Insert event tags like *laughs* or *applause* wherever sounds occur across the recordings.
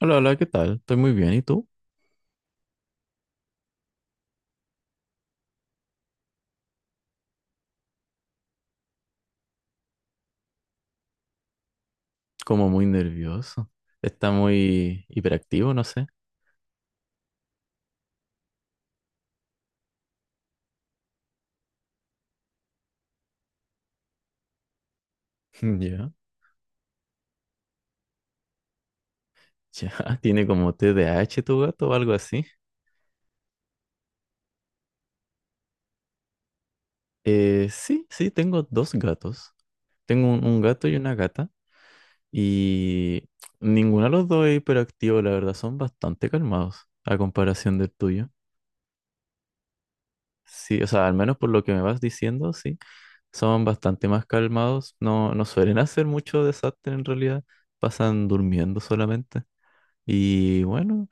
Hola, hola, ¿qué tal? Estoy muy bien, ¿y tú? Como muy nervioso. Está muy hiperactivo, no sé. *laughs* Ya. Ya, tiene como TDAH tu gato o algo así. Sí, sí, tengo dos gatos. Tengo un gato y una gata. Y ninguno de los dos es hiperactivo, la verdad, son bastante calmados a comparación del tuyo. Sí, o sea, al menos por lo que me vas diciendo, sí, son bastante más calmados. No, no suelen hacer mucho desastre en realidad. Pasan durmiendo solamente. Y bueno,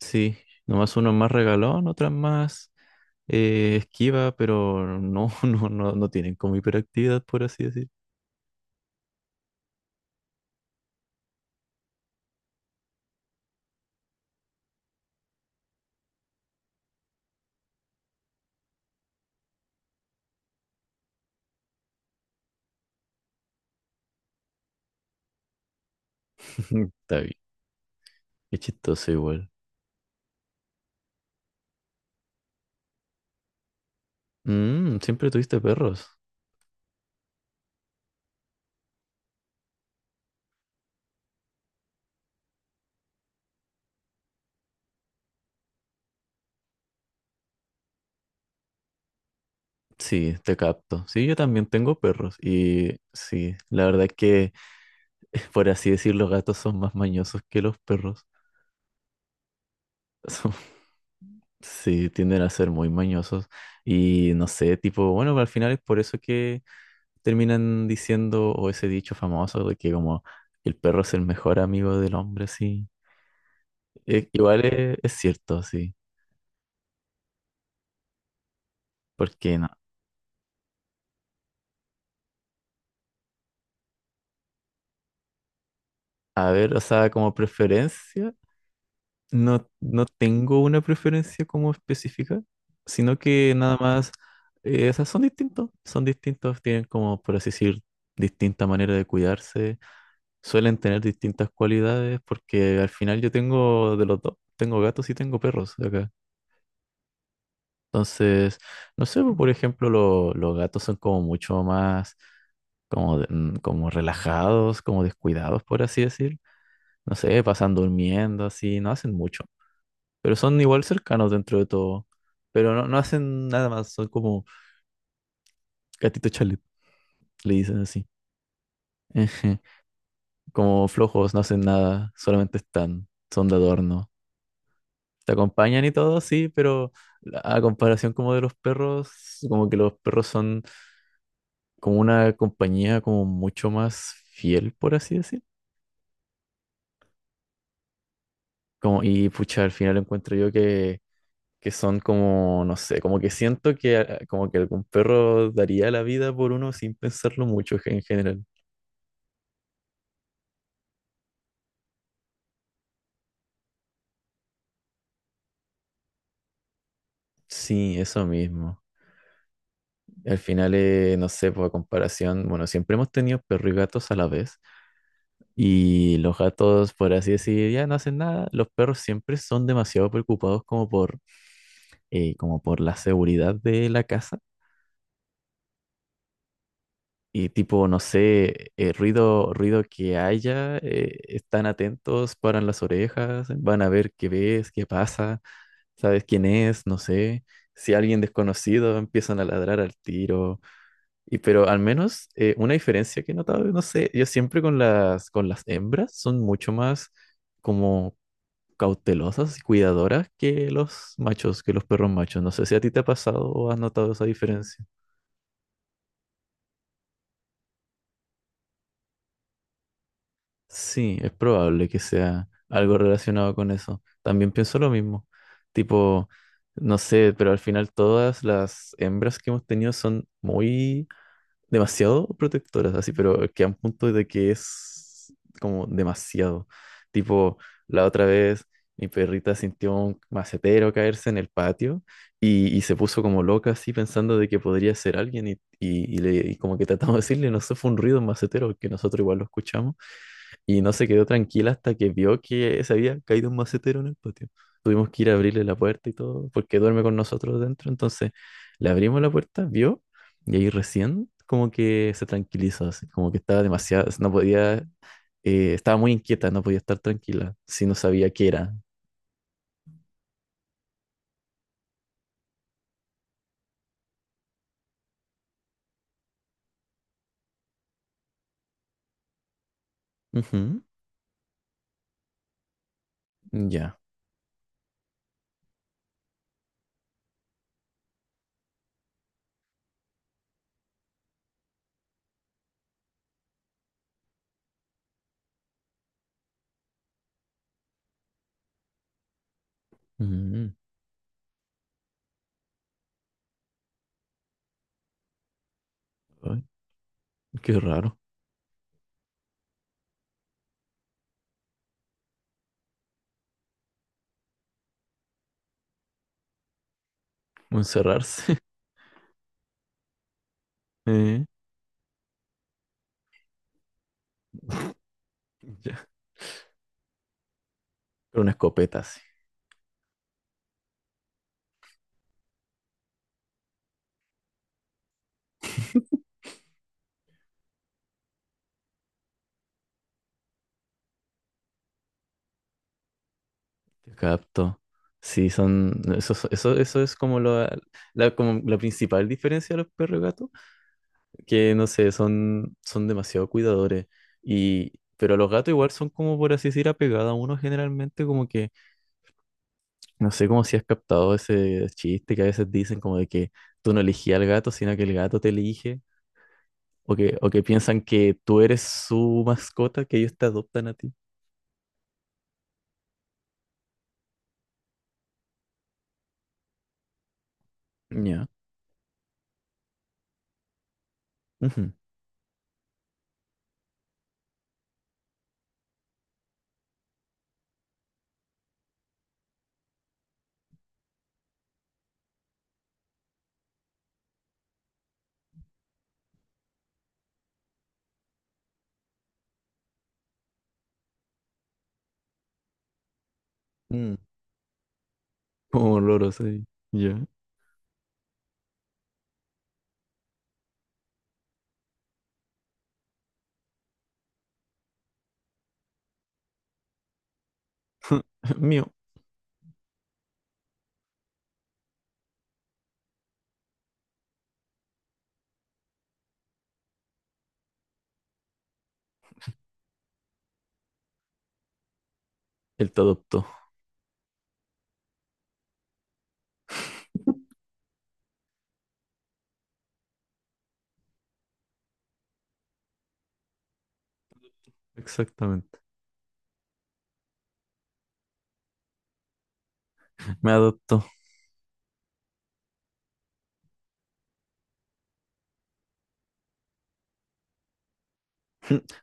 sí, nomás uno es más regalón, otras más esquiva, pero no, *laughs* no, no, no tienen como hiperactividad, por así decir. *laughs* Está bien, es chistoso igual. Siempre tuviste perros. Sí, te capto. Sí, yo también tengo perros. Y sí, la verdad es que, *laughs* por así decir, los gatos son más mañosos que los perros. Son- *laughs* sí, tienden a ser muy mañosos. Y no sé, tipo, bueno, al final es por eso que terminan diciendo, o ese dicho famoso de que como el perro es el mejor amigo del hombre, sí. Igual es cierto, sí. Porque no. A ver, o sea, como preferencia, no, no tengo una preferencia como específica, sino que nada más, o sea, son distintos, tienen como, por así decir, distinta manera de cuidarse, suelen tener distintas cualidades, porque al final yo tengo de los dos, tengo gatos y tengo perros acá. Entonces, no sé, pues, por ejemplo, los gatos son como mucho más como, como relajados, como descuidados, por así decir. No sé, pasan durmiendo, así, no hacen mucho. Pero son igual cercanos dentro de todo. Pero no, no hacen nada más, son como gatitos chalet, le dicen así. *laughs* Ejé. Como flojos, no hacen nada, solamente están, son de adorno. Te acompañan y todo, sí, pero a comparación como de los perros, como que los perros son como una compañía como mucho más fiel, por así decir. Como, y pucha, al final encuentro yo que son como, no sé, como que siento que como que algún perro daría la vida por uno sin pensarlo mucho en general. Sí, eso mismo. Al final, no sé, por comparación, bueno, siempre hemos tenido perros y gatos a la vez. Y los gatos, por así decir, ya no hacen nada. Los perros siempre son demasiado preocupados como por, como por la seguridad de la casa. Y tipo, no sé, ruido, ruido que haya, están atentos, paran las orejas, van a ver qué ves, qué pasa, sabes quién es, no sé. Si alguien desconocido empiezan a ladrar al tiro. Y pero al menos una diferencia que he notado, no sé, yo siempre con las hembras son mucho más como cautelosas y cuidadoras que los machos, que los perros machos. No sé si a ti te ha pasado o has notado esa diferencia. Sí, es probable que sea algo relacionado con eso. También pienso lo mismo. Tipo, no sé, pero al final todas las hembras que hemos tenido son muy demasiado protectoras, así, pero que a un punto de que es como demasiado. Tipo, la otra vez mi perrita sintió un macetero caerse en el patio y se puso como loca así pensando de que podría ser alguien y como que tratamos de decirle, no sé, fue un ruido, un macetero, que nosotros igual lo escuchamos. Y no se quedó tranquila hasta que vio que se había caído un macetero en el patio. Tuvimos que ir a abrirle la puerta y todo, porque duerme con nosotros dentro. Entonces le abrimos la puerta, vio, y ahí recién como que se tranquilizó, así, como que estaba demasiado, no podía, estaba muy inquieta, no podía estar tranquila, si no sabía qué era. Ujú, ya. Mm, ay, qué raro, encerrarse. *laughs* eh, ya, con una escopeta, sí. Te capto. Sí, eso es como como la principal diferencia de los perros y gatos, que no sé, son demasiado cuidadores. Y, pero los gatos igual son como, por así decir, apegados a uno generalmente, como que, no sé cómo si has captado ese chiste que a veces dicen como de que tú no elegías al gato, sino que el gato te elige, o que piensan que tú eres su mascota, que ellos te adoptan a ti. Ya. Ujú. Mm. Como loros ahí. Ya. *laughs* Mío. Él te adoptó. Exactamente. Me adoptó.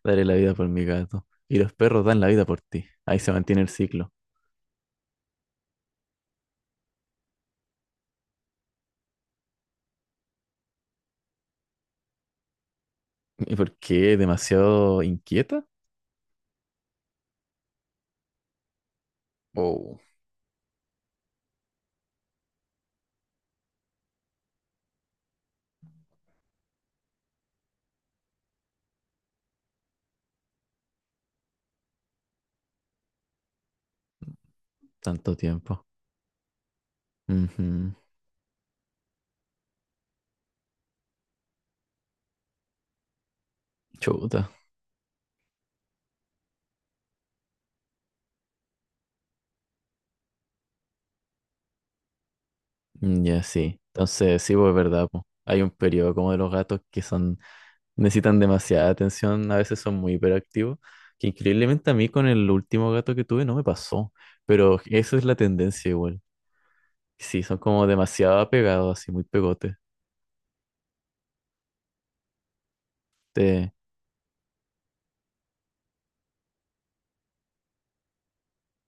Daré la vida por mi gato. Y los perros dan la vida por ti. Ahí se mantiene el ciclo. ¿Y por qué? ¿Demasiado inquieta? Oh, tanto tiempo. Ujú. Chuta. Mm, ya sí. Entonces, sí, pues es verdad, po. Hay un periodo como de los gatos que necesitan demasiada atención. A veces son muy hiperactivos. Que increíblemente a mí con el último gato que tuve no me pasó. Pero esa es la tendencia igual. Sí, son como demasiado apegados, así muy pegotes. Te,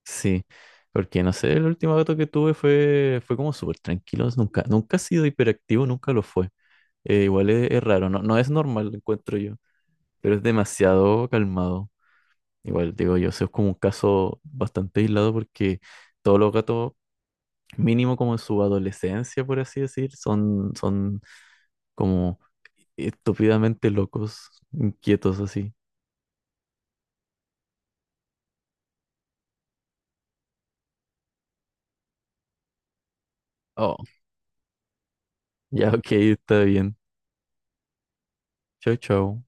Sí, porque no sé, el último gato que tuve fue como súper tranquilo, nunca, nunca ha sido hiperactivo, nunca lo fue. Igual es raro, no, no es normal, lo encuentro yo, pero es demasiado calmado. Igual digo yo, eso es como un caso bastante aislado porque todos los gatos, mínimo como en su adolescencia, por así decir, son como estúpidamente locos, inquietos así. Oh, ya, ok, está bien. Chao, chao.